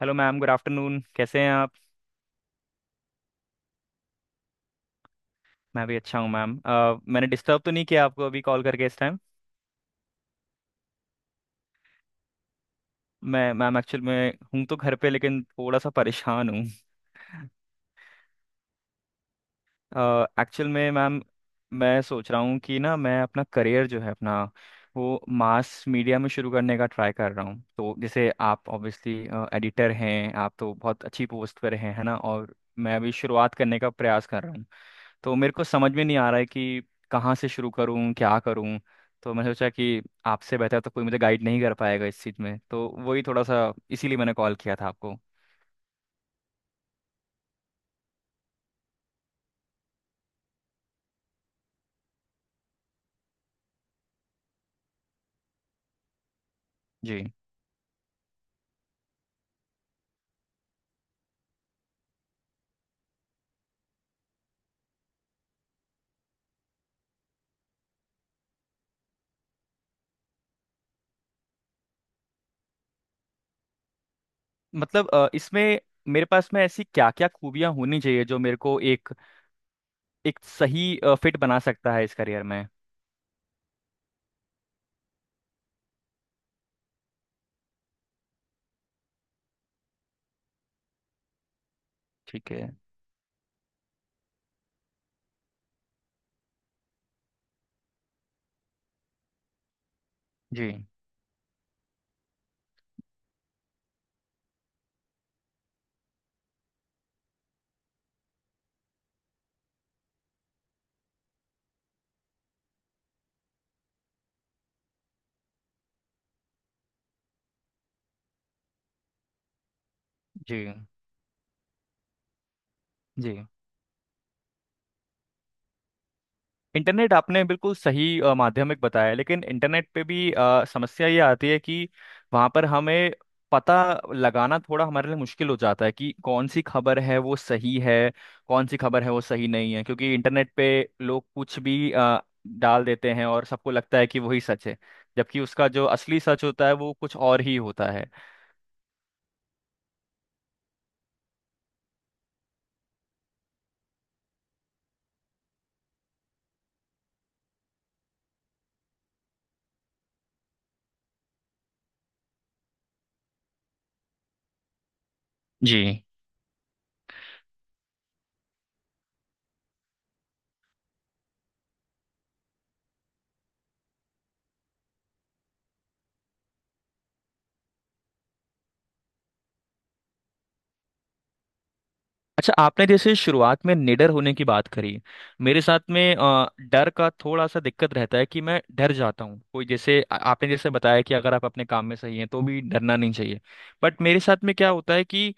Hello ma'am, good afternoon. कैसे हैं आप? मैं भी अच्छा हूँ मैम। मैंने डिस्टर्ब तो नहीं किया आपको अभी कॉल करके इस टाइम? मैं मैम एक्चुअल में हूँ तो घर पे, लेकिन थोड़ा सा परेशान हूँ। एक्चुअल में मैम, मैं सोच रहा हूँ कि ना, मैं अपना करियर जो है अपना, वो मास मीडिया में शुरू करने का ट्राई कर रहा हूँ। तो जैसे आप ऑब्वियसली एडिटर हैं, आप तो बहुत अच्छी पोस्ट पर हैं, है ना, और मैं अभी शुरुआत करने का प्रयास कर रहा हूँ। तो मेरे को समझ में नहीं आ रहा है कि कहाँ से शुरू करूँ, क्या करूँ। तो मैंने सोचा कि आपसे बेहतर तो कोई मुझे गाइड नहीं कर पाएगा इस चीज़ में, तो वही थोड़ा सा इसीलिए मैंने कॉल किया था आपको। जी। मतलब इसमें मेरे पास में ऐसी क्या क्या खूबियाँ होनी चाहिए जो मेरे को एक, एक सही फिट बना सकता है इस करियर में? ठीक है। जी जी जी। इंटरनेट आपने बिल्कुल सही माध्यमिक बताया, लेकिन इंटरनेट पे भी समस्या ये आती है कि वहाँ पर हमें पता लगाना थोड़ा हमारे लिए मुश्किल हो जाता है कि कौन सी खबर है वो सही है, कौन सी खबर है वो सही नहीं है। क्योंकि इंटरनेट पे लोग कुछ भी डाल देते हैं और सबको लगता है कि वही सच है, जबकि उसका जो असली सच होता है वो कुछ और ही होता है। जी। अच्छा, आपने जैसे शुरुआत में निडर होने की बात करी। मेरे साथ में डर का थोड़ा सा दिक्कत रहता है कि मैं डर जाता हूँ कोई जैसे आपने जैसे बताया कि अगर आप अपने काम में सही हैं तो भी डरना नहीं चाहिए, बट मेरे साथ में क्या होता है कि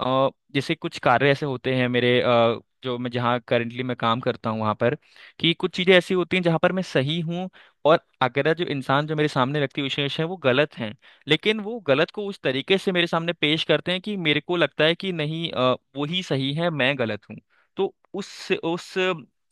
अ, जैसे कुछ कार्य ऐसे होते हैं मेरे जो मैं जहाँ करंटली मैं काम करता हूँ वहाँ पर, कि कुछ चीज़ें ऐसी होती हैं जहाँ पर मैं सही हूँ, और अगर जो इंसान जो मेरे सामने व्यक्ति विशेष है वो गलत है, लेकिन वो गलत को उस तरीके से मेरे सामने पेश करते हैं कि मेरे को लगता है कि नहीं, वो ही सही है, मैं गलत हूँ। तो उस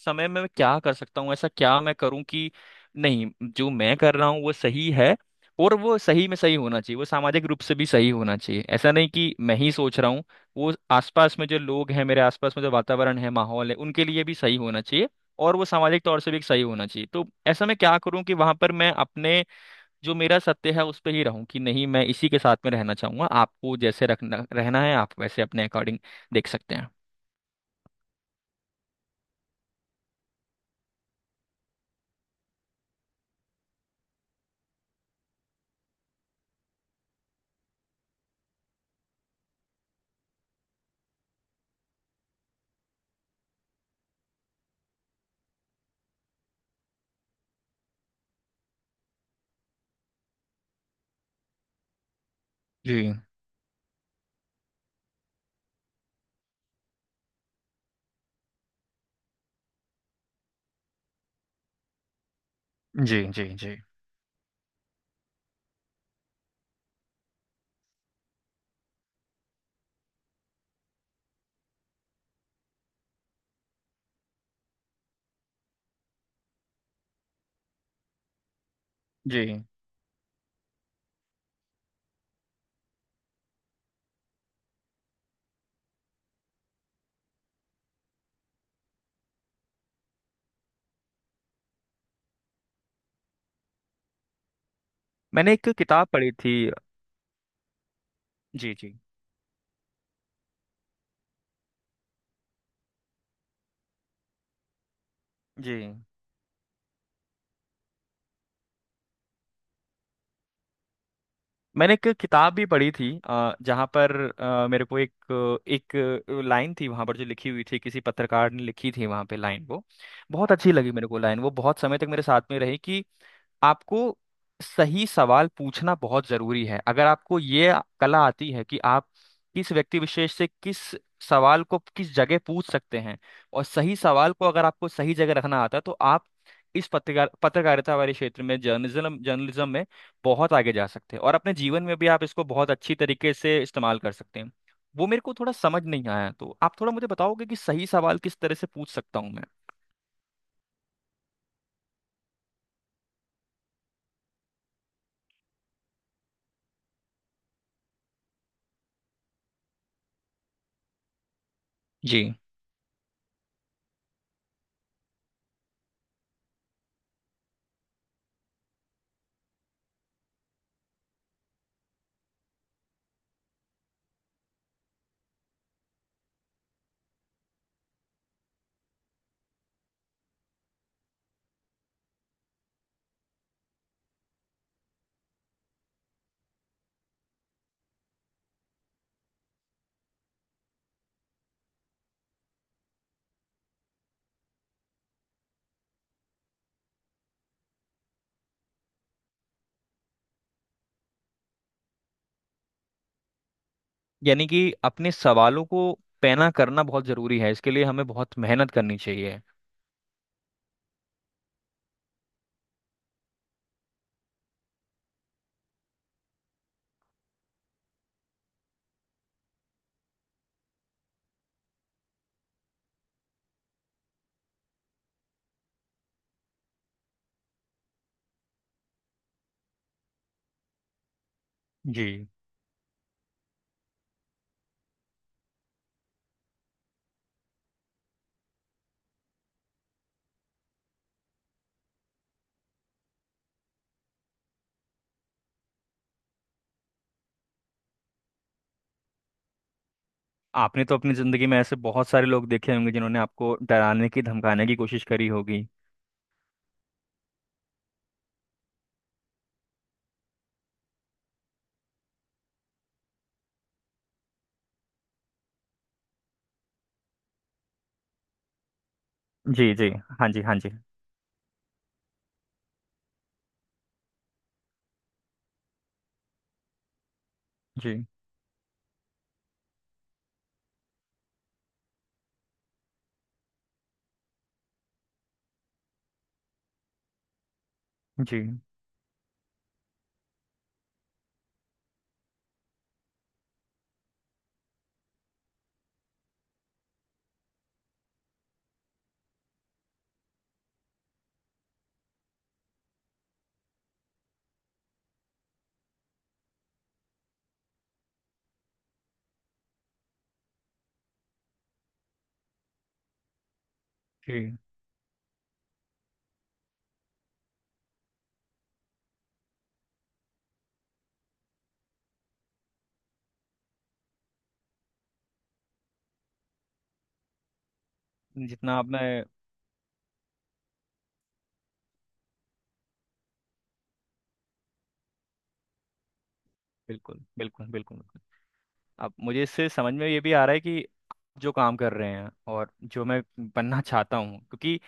समय में मैं क्या कर सकता हूँ, ऐसा क्या मैं करूँ कि नहीं, जो मैं कर रहा हूँ वो सही है, और वो सही में सही होना चाहिए, वो सामाजिक रूप से भी सही होना चाहिए। ऐसा नहीं कि मैं ही सोच रहा हूँ, वो आसपास में जो लोग हैं, मेरे आसपास में जो वातावरण है, माहौल है, उनके लिए भी सही होना चाहिए, और वो सामाजिक तौर से भी सही होना चाहिए। तो ऐसा मैं क्या करूँ कि वहां पर मैं अपने जो मेरा सत्य है उस पे ही रहूं कि नहीं, मैं इसी के साथ में रहना चाहूंगा, आपको जैसे रखना रहना है आप वैसे अपने अकॉर्डिंग देख सकते हैं। जी जी। जी जी जी। मैंने एक किताब पढ़ी थी। जी जी जी। मैंने एक किताब भी पढ़ी थी जहाँ पर मेरे को एक, एक लाइन थी वहाँ पर जो लिखी हुई थी, किसी पत्रकार ने लिखी थी वहाँ पे। लाइन वो बहुत अच्छी लगी मेरे को, लाइन वो बहुत समय तक मेरे साथ में रही कि आपको सही सवाल पूछना बहुत जरूरी है। अगर आपको ये कला आती है कि आप किस व्यक्ति विशेष से किस सवाल को किस जगह पूछ सकते हैं, और सही सवाल को अगर आपको सही जगह रखना आता है, तो आप इस पत्रकार पत्रकारिता वाले क्षेत्र में, जर्नलिज्म जर्नलिज्म में बहुत आगे जा सकते हैं, और अपने जीवन में भी आप इसको बहुत अच्छी तरीके से इस्तेमाल कर सकते हैं। वो मेरे को थोड़ा समझ नहीं आया, तो आप थोड़ा मुझे बताओगे कि सही सवाल किस तरह से पूछ सकता हूँ मैं? जी। यानी कि अपने सवालों को पैना करना बहुत जरूरी है, इसके लिए हमें बहुत मेहनत करनी चाहिए। जी। आपने तो अपनी जिंदगी में ऐसे बहुत सारे लोग देखे होंगे जिन्होंने आपको डराने की, धमकाने की कोशिश करी होगी। जी जी। हाँ जी, हाँ जी। जी जी। जी जितना आपने। बिल्कुल बिल्कुल बिल्कुल बिल्कुल। अब मुझे इससे समझ में ये भी आ रहा है कि आप जो काम कर रहे हैं और जो मैं बनना चाहता हूँ, क्योंकि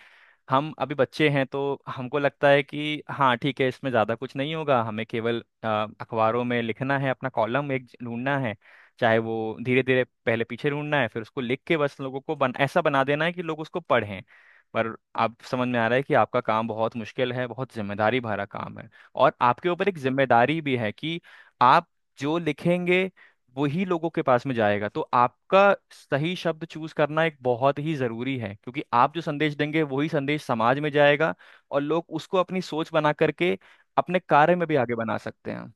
हम अभी बच्चे हैं, तो हमको लगता है कि हाँ ठीक है, इसमें ज़्यादा कुछ नहीं होगा, हमें केवल अखबारों में लिखना है, अपना कॉलम एक ढूंढना है, चाहे वो धीरे धीरे पहले पीछे ढूंढना है, फिर उसको लिख के बस लोगों को बन ऐसा बना देना है कि लोग उसको पढ़ें। पर आप समझ में आ रहा है कि आपका काम बहुत मुश्किल है, बहुत जिम्मेदारी भरा काम है, और आपके ऊपर एक जिम्मेदारी भी है कि आप जो लिखेंगे वही लोगों के पास में जाएगा। तो आपका सही शब्द चूज करना एक बहुत ही जरूरी है, क्योंकि आप जो संदेश देंगे वही संदेश समाज में जाएगा, और लोग उसको अपनी सोच बना करके अपने कार्य में भी आगे बना सकते हैं।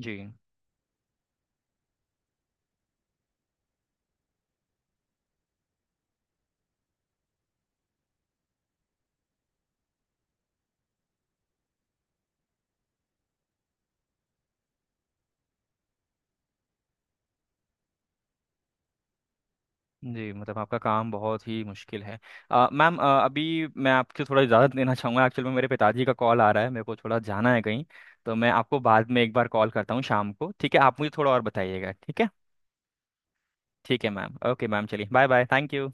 जी। जी मतलब आपका काम बहुत ही मुश्किल है। मैम अभी मैं आपसे थोड़ा इजाज़त लेना चाहूँगा, एक्चुअल में मेरे पिताजी का कॉल आ रहा है, मेरे को थोड़ा जाना है कहीं। तो मैं आपको बाद में एक बार कॉल करता हूँ शाम को, ठीक है? आप मुझे थोड़ा और बताइएगा, ठीक है? ठीक है मैम, ओके मैम, चलिए, बाय बाय, थैंक यू।